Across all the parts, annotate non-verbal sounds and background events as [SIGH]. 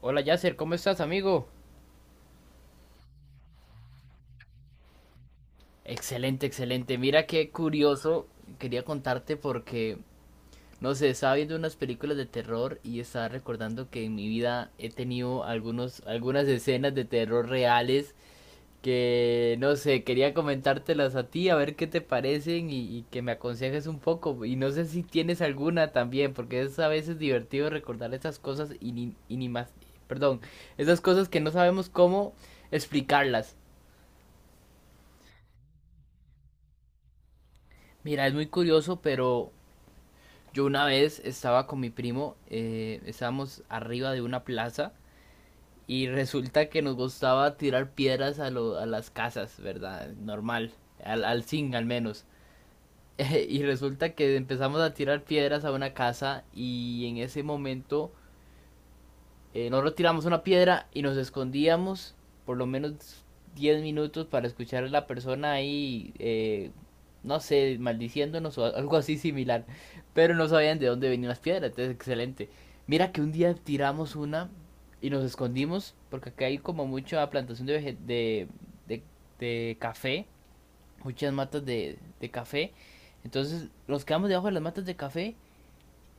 Hola Yasser, ¿cómo estás, amigo? Excelente, excelente. Mira qué curioso. Quería contarte porque, no sé, estaba viendo unas películas de terror y estaba recordando que en mi vida he tenido algunas escenas de terror reales que, no sé, quería comentártelas a ti, a ver qué te parecen y que me aconsejes un poco. Y no sé si tienes alguna también, porque es a veces divertido recordar esas cosas y ni más perdón, esas cosas que no sabemos cómo explicarlas. Mira, es muy curioso, pero yo una vez estaba con mi primo, estábamos arriba de una plaza y resulta que nos gustaba tirar piedras a las casas, ¿verdad? Normal, al zinc al menos. [LAUGHS] Y resulta que empezamos a tirar piedras a una casa y en ese momento nosotros tiramos una piedra y nos escondíamos por lo menos 10 minutos para escuchar a la persona ahí, no sé, maldiciéndonos o algo así similar. Pero no sabían de dónde venían las piedras, entonces excelente. Mira que un día tiramos una y nos escondimos porque acá hay como mucha plantación de, de café, muchas matas de café. Entonces nos quedamos debajo de las matas de café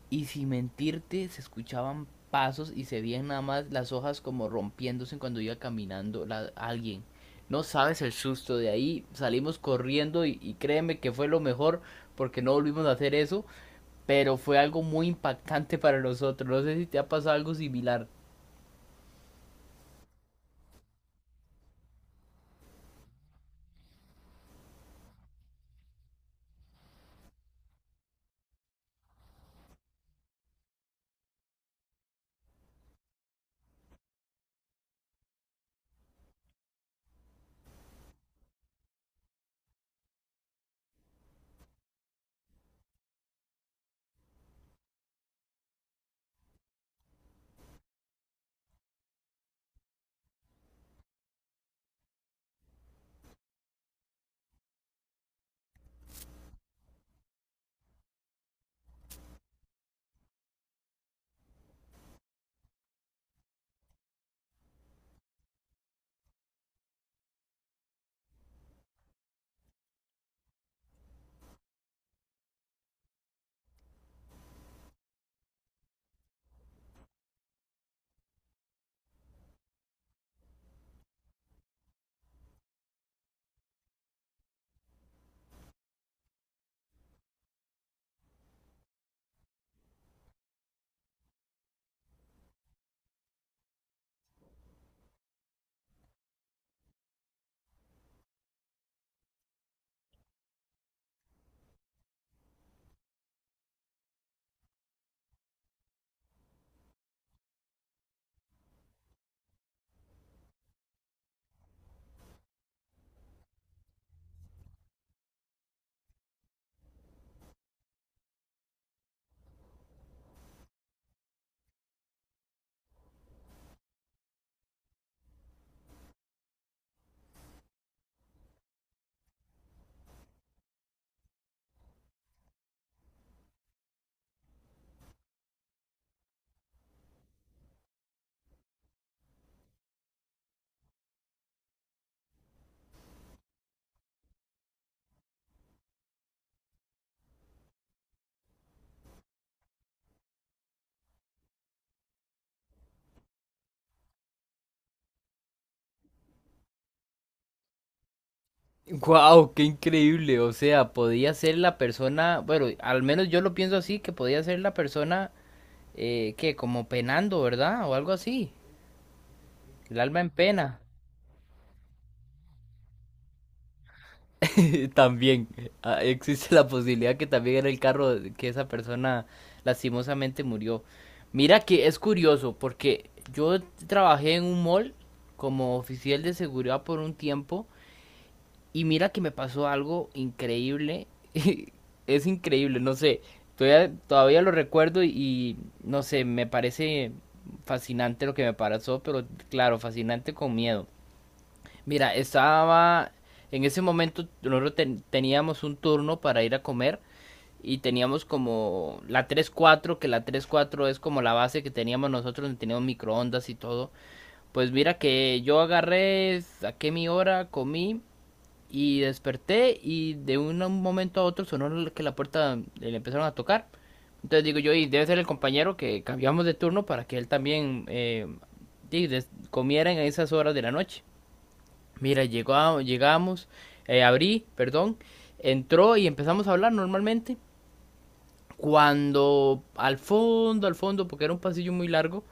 y sin mentirte se escuchaban pasos y se veían nada más las hojas como rompiéndose cuando iba caminando alguien. No sabes el susto de ahí, salimos corriendo y créeme que fue lo mejor porque no volvimos a hacer eso, pero fue algo muy impactante para nosotros. No sé si te ha pasado algo similar. Wow, qué increíble. O sea, podía ser la persona, bueno, al menos yo lo pienso así, que podía ser la persona que como penando, ¿verdad? O algo así, el alma en pena. [LAUGHS] También existe la posibilidad que también era el carro que esa persona lastimosamente murió. Mira que es curioso porque yo trabajé en un mall como oficial de seguridad por un tiempo y mira que me pasó algo increíble. [LAUGHS] Es increíble, no sé, todavía lo recuerdo no sé, me parece fascinante lo que me pasó, pero claro, fascinante con miedo. Mira, estaba en ese momento nosotros teníamos un turno para ir a comer y teníamos como la tres cuatro, que la tres cuatro es como la base que teníamos nosotros, donde teníamos microondas y todo. Pues mira que yo agarré, saqué mi hora, comí y desperté y de un momento a otro sonó que la puerta le empezaron a tocar. Entonces digo yo, y debe ser el compañero que cambiamos de turno para que él también comiera en esas horas de la noche. Mira, llegamos, abrí, perdón, entró y empezamos a hablar normalmente. Cuando al fondo, porque era un pasillo muy largo,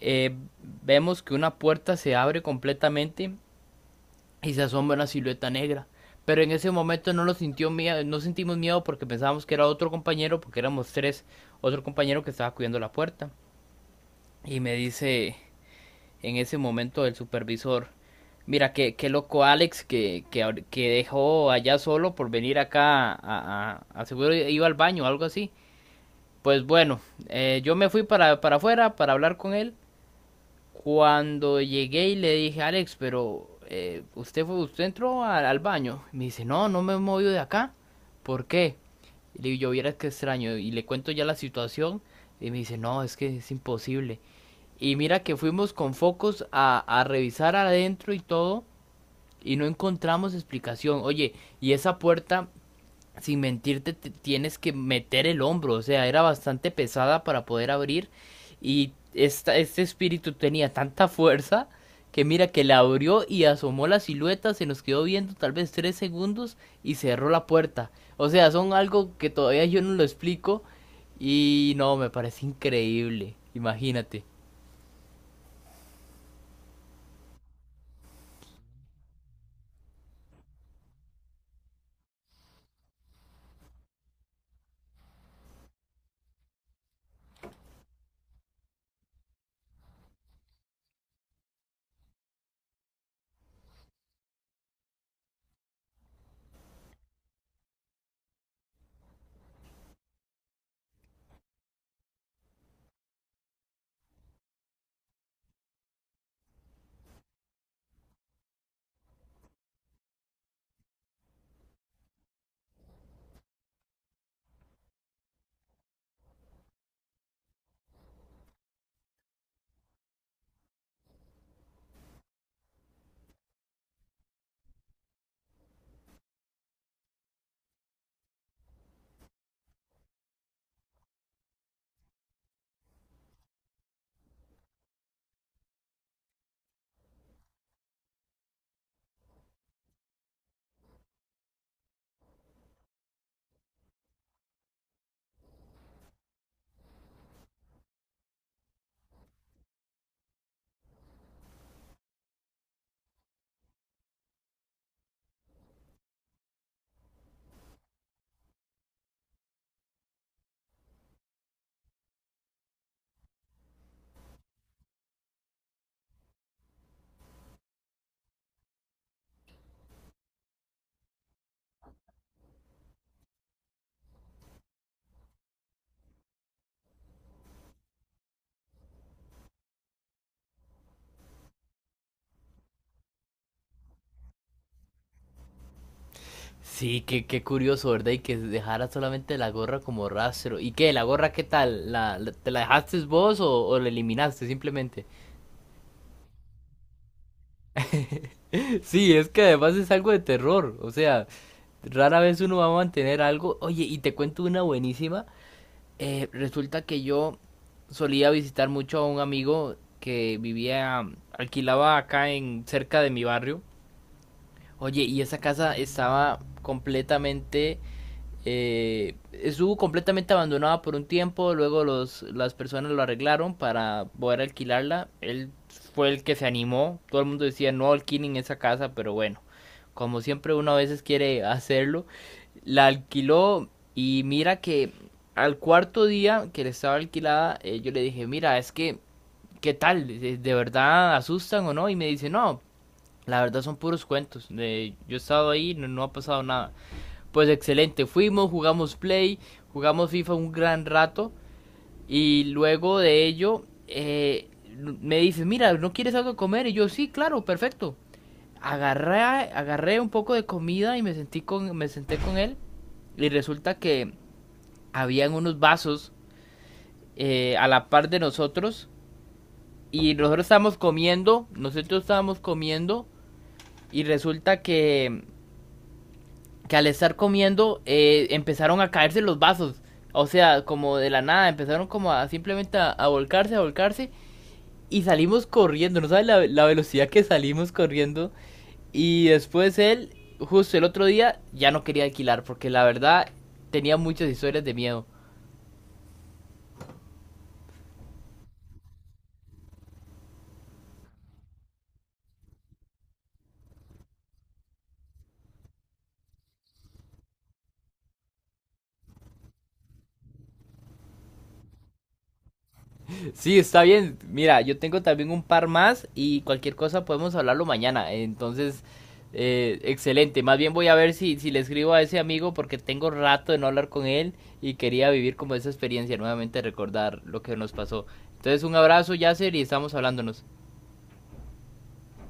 eh, vemos que una puerta se abre completamente y se asoma una silueta negra. Pero en ese momento no lo sintió miedo, no sentimos miedo porque pensábamos que era otro compañero, porque éramos tres, otro compañero que estaba cuidando la puerta. Y me dice, en ese momento el supervisor. Mira, qué loco Alex que dejó allá solo por venir acá seguro iba al baño o algo así. Pues bueno, yo me fui para afuera para hablar con él. Cuando llegué y le dije, Alex, pero usted fue, usted entró al baño. Me dice, no, no me he movido de acá. ¿Por qué? Y le digo, yo vieras qué extraño. Y le cuento ya la situación. Y me dice, no, es que es imposible. Y mira que fuimos con focos a revisar adentro y todo y no encontramos explicación. Oye, y esa puerta, sin mentirte, tienes que meter el hombro, o sea, era bastante pesada para poder abrir y este espíritu tenía tanta fuerza que mira que la abrió y asomó la silueta, se nos quedó viendo tal vez 3 segundos y cerró la puerta. O sea, son algo que todavía yo no lo explico y no, me parece increíble, imagínate. Sí, qué curioso, ¿verdad? Y que dejara solamente la gorra como rastro. ¿Y qué? ¿La gorra qué tal? ¿Te la dejaste vos o la eliminaste simplemente? [LAUGHS] Sí, es que además es algo de terror. O sea, rara vez uno va a mantener algo. Oye, y te cuento una buenísima. Resulta que yo solía visitar mucho a un amigo que vivía, alquilaba acá en cerca de mi barrio. Oye, y esa casa estaba completamente estuvo completamente abandonada por un tiempo, luego las personas lo arreglaron para poder alquilarla. Él fue el que se animó, todo el mundo decía no alquilen esa casa, pero bueno, como siempre uno a veces quiere hacerlo, la alquiló y mira que al cuarto día que le estaba alquilada, yo le dije, mira, es que, ¿qué tal? ¿De verdad asustan o no? Y me dice, no, la verdad son puros cuentos, de, yo he estado ahí, no, no ha pasado nada. Pues excelente, fuimos, jugamos Play, jugamos FIFA un gran rato y luego de ello me dice, mira, ¿no quieres algo de comer? Y yo, sí, claro, perfecto. Agarré un poco de comida me senté con él y resulta que habían unos vasos a la par de nosotros y nosotros estábamos comiendo y resulta que al estar comiendo empezaron a caerse los vasos. O sea, como de la nada, empezaron como a simplemente a volcarse, a volcarse. Y salimos corriendo, no sabes la velocidad que salimos corriendo. Y después él, justo el otro día, ya no quería alquilar porque la verdad tenía muchas historias de miedo. Sí, está bien. Mira, yo tengo también un par más y cualquier cosa podemos hablarlo mañana. Entonces, excelente. Más bien voy a ver si le escribo a ese amigo porque tengo rato de no hablar con él y quería vivir como esa experiencia, nuevamente recordar lo que nos pasó. Entonces, un abrazo, Yasser, y estamos hablándonos.